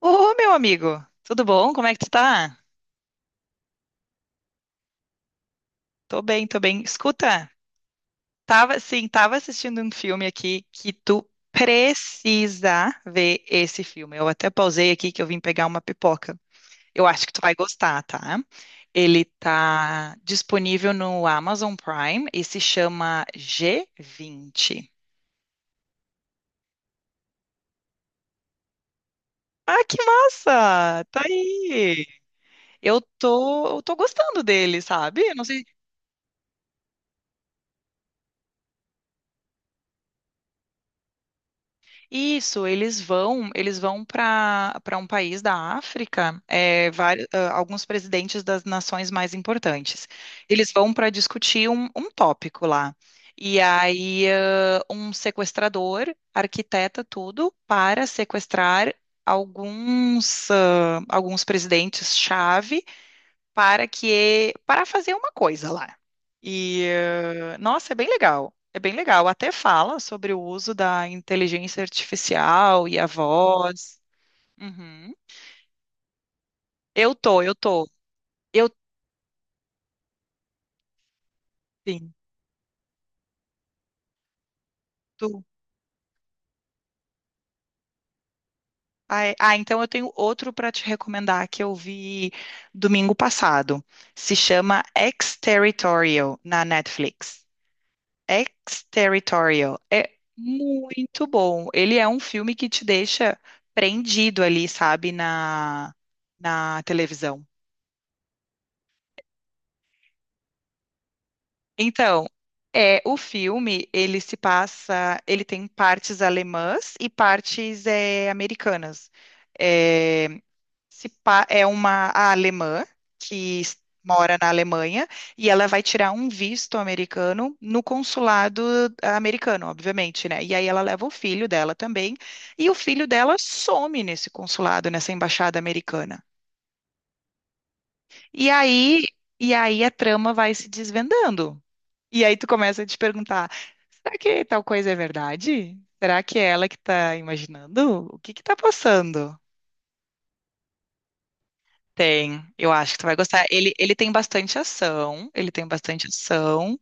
Ô, meu amigo, tudo bom? Como é que tu tá? Tô bem, tô bem. Escuta, tava, sim, tava assistindo um filme aqui que tu precisa ver esse filme. Eu até pausei aqui que eu vim pegar uma pipoca. Eu acho que tu vai gostar, tá? Ele tá disponível no Amazon Prime e se chama G20. Ah, que massa! Tá aí. Eu tô gostando dele, sabe? Eu não sei. Isso, eles vão para um país da África, é, vários, alguns presidentes das nações mais importantes. Eles vão para discutir um tópico lá. E aí, um sequestrador arquiteta tudo para sequestrar alguns, alguns presidentes-chave para fazer uma coisa lá. E nossa, é bem legal. É bem legal. Até fala sobre o uso da inteligência artificial e a voz. Uhum. Eu tô. Eu sim, tu. Ah, então eu tenho outro para te recomendar que eu vi domingo passado. Se chama Ex-Territorial na Netflix. Exterritorial é muito bom. Ele é um filme que te deixa prendido ali, sabe, na televisão. Então, é o filme, ele se passa, ele tem partes alemãs e partes americanas. É, se pa- é uma a alemã que s- mora na Alemanha e ela vai tirar um visto americano no consulado americano, obviamente, né? E aí ela leva o filho dela também e o filho dela some nesse consulado, nessa embaixada americana. E aí, e aí a trama vai se desvendando. E aí tu começa a te perguntar, será que tal coisa é verdade? Será que é ela que tá imaginando? O que que tá passando? Tem, eu acho que tu vai gostar. Ele tem bastante ação, ele tem bastante ação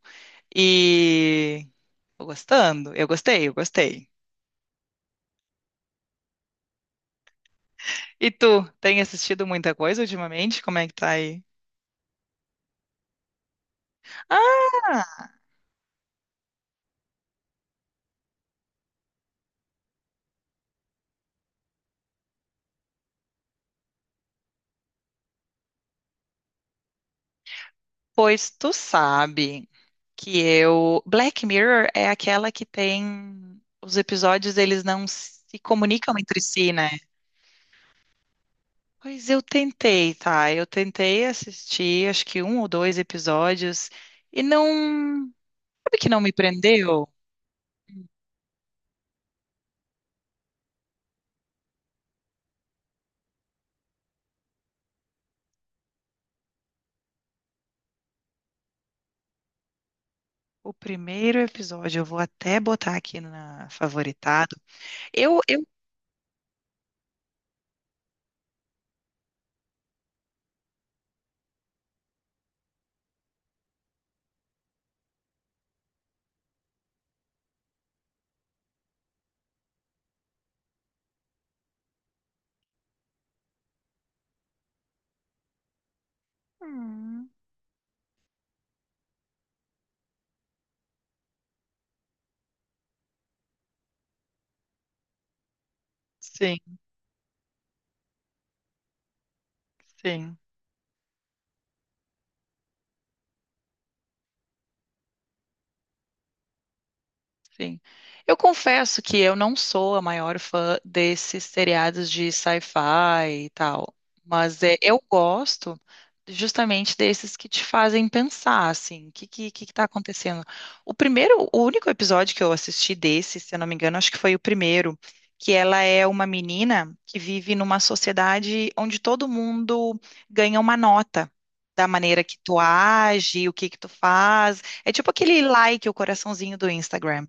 e tô gostando. Eu gostei. E tu, tem assistido muita coisa ultimamente? Como é que tá aí? Ah, pois tu sabe que eu Black Mirror é aquela que tem os episódios, eles não se comunicam entre si, né? Pois eu tentei, tá? Eu tentei assistir, acho que um ou dois episódios e não, sabe que não me prendeu? O primeiro episódio, eu vou até botar aqui na favoritado. Eu, eu... Hum. Sim, sim. Sim. Eu confesso que eu não sou a maior fã desses seriados de sci-fi e tal, mas é, eu gosto justamente desses que te fazem pensar, assim, o que que tá acontecendo? O primeiro, o único episódio que eu assisti desse, se eu não me engano, acho que foi o primeiro, que ela é uma menina que vive numa sociedade onde todo mundo ganha uma nota. Da maneira que tu age, o que que tu faz. É tipo aquele like, o coraçãozinho do Instagram.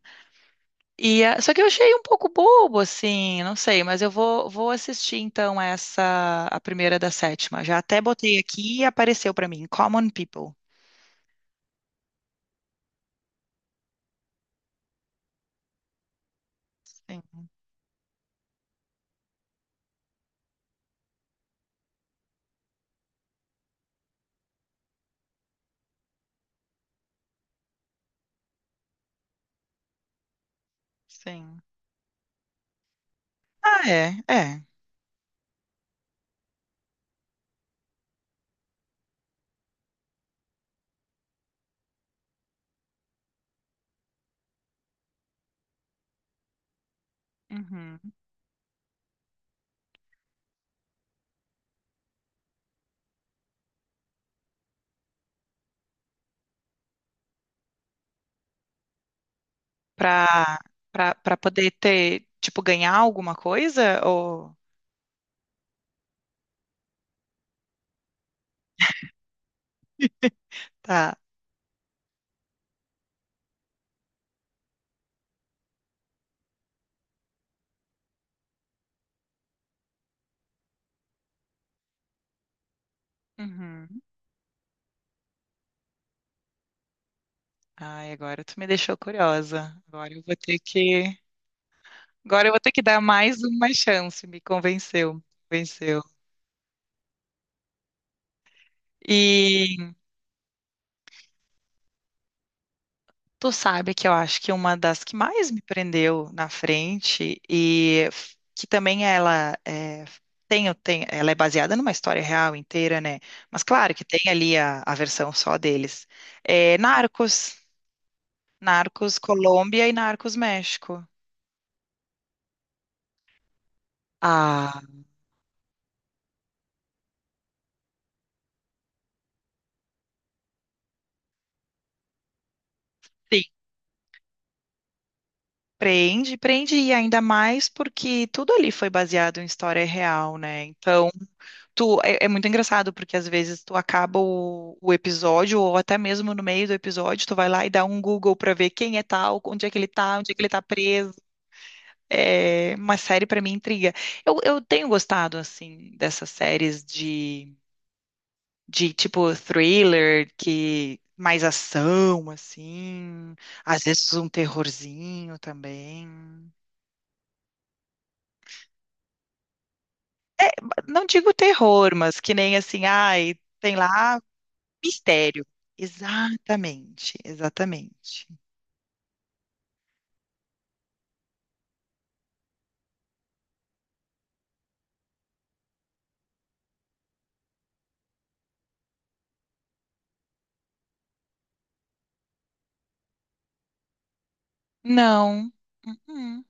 E, só que eu achei um pouco bobo, assim, não sei, mas eu vou, vou assistir então essa, a primeira da sétima. Já até botei aqui e apareceu pra mim, Common People. Sim, sim. Ah, é, é. Uhum. Pra, pra poder ter, tipo, ganhar alguma coisa? Ou. Tá. Uhum. Ai, agora tu me deixou curiosa. Agora eu vou ter que. Agora eu vou ter que dar mais uma chance, me convenceu. Convenceu. E tu sabe que eu acho que uma das que mais me prendeu na frente e que também ela é, tem, tem, ela é baseada numa história real inteira, né? Mas claro que tem ali a versão só deles. É Narcos, Narcos Colômbia e Narcos México. Ah, sim. Prende, prende e ainda mais porque tudo ali foi baseado em história real, né? Então tu, é, é muito engraçado, porque às vezes tu acaba o episódio, ou até mesmo no meio do episódio, tu vai lá e dá um Google pra ver quem é tal, onde é que ele tá, onde é que ele tá preso. É uma série pra mim intriga. Eu tenho gostado, assim, dessas séries de tipo thriller, que mais ação, assim, às vezes um terrorzinho também. Não digo terror, mas que nem assim, ai, tem lá mistério. Exatamente, exatamente. Não. Uhum.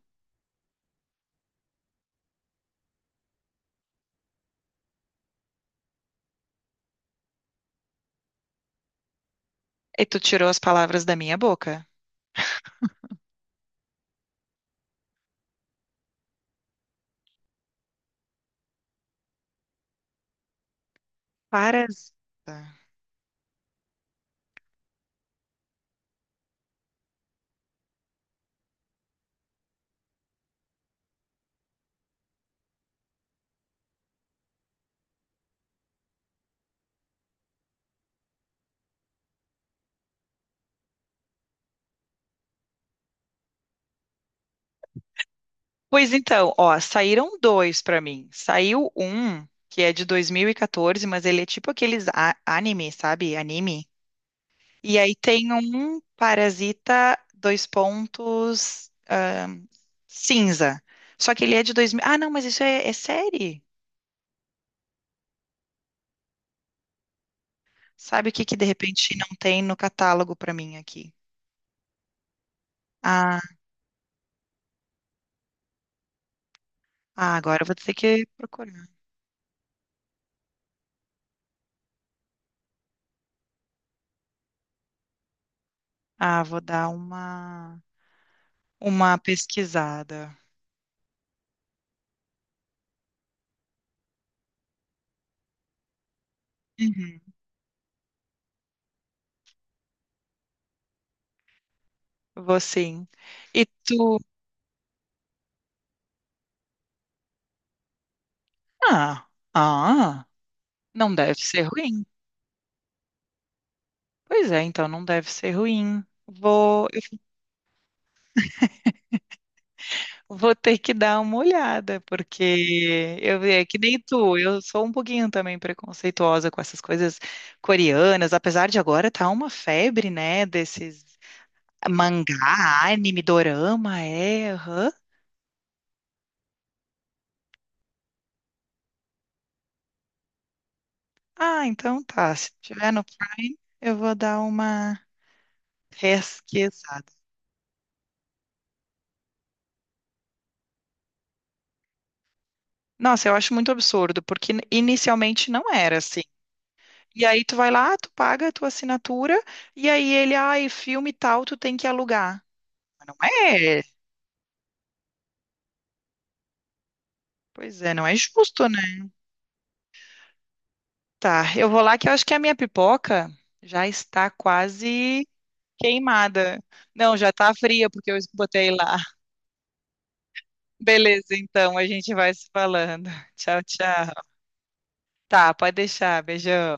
E tu tirou as palavras da minha boca. Parasita. Pois então, ó, saíram dois pra mim. Saiu um que é de 2014, mas ele é tipo aqueles anime, sabe? Anime. E aí tem um Parasita, dois pontos, cinza. Só que ele é de 2000. Ah, não, mas isso é, é série. Sabe o que que de repente não tem no catálogo pra mim aqui? Ah, ah, agora eu vou ter que procurar. Ah, vou dar uma pesquisada. Uhum. Vou sim. E tu? Ah, ah, não deve ser ruim. Pois é, então não deve ser ruim. Vou, eu vou ter que dar uma olhada, porque eu é que nem tu, eu sou um pouquinho também preconceituosa com essas coisas coreanas, apesar de agora tá uma febre, né, desses mangá, anime, dorama, é. Aham. Ah, então tá. Se tiver no Prime, eu vou dar uma pesquisada. Nossa, eu acho muito absurdo, porque inicialmente não era assim. E aí tu vai lá, tu paga a tua assinatura, e aí ele, ai, filme tal, tu tem que alugar. Mas não é. Pois é, não é justo, né? Tá, eu vou lá que eu acho que a minha pipoca já está quase queimada. Não, já tá fria, porque eu botei lá. Beleza, então, a gente vai se falando. Tchau, tchau. Tá, pode deixar. Beijão.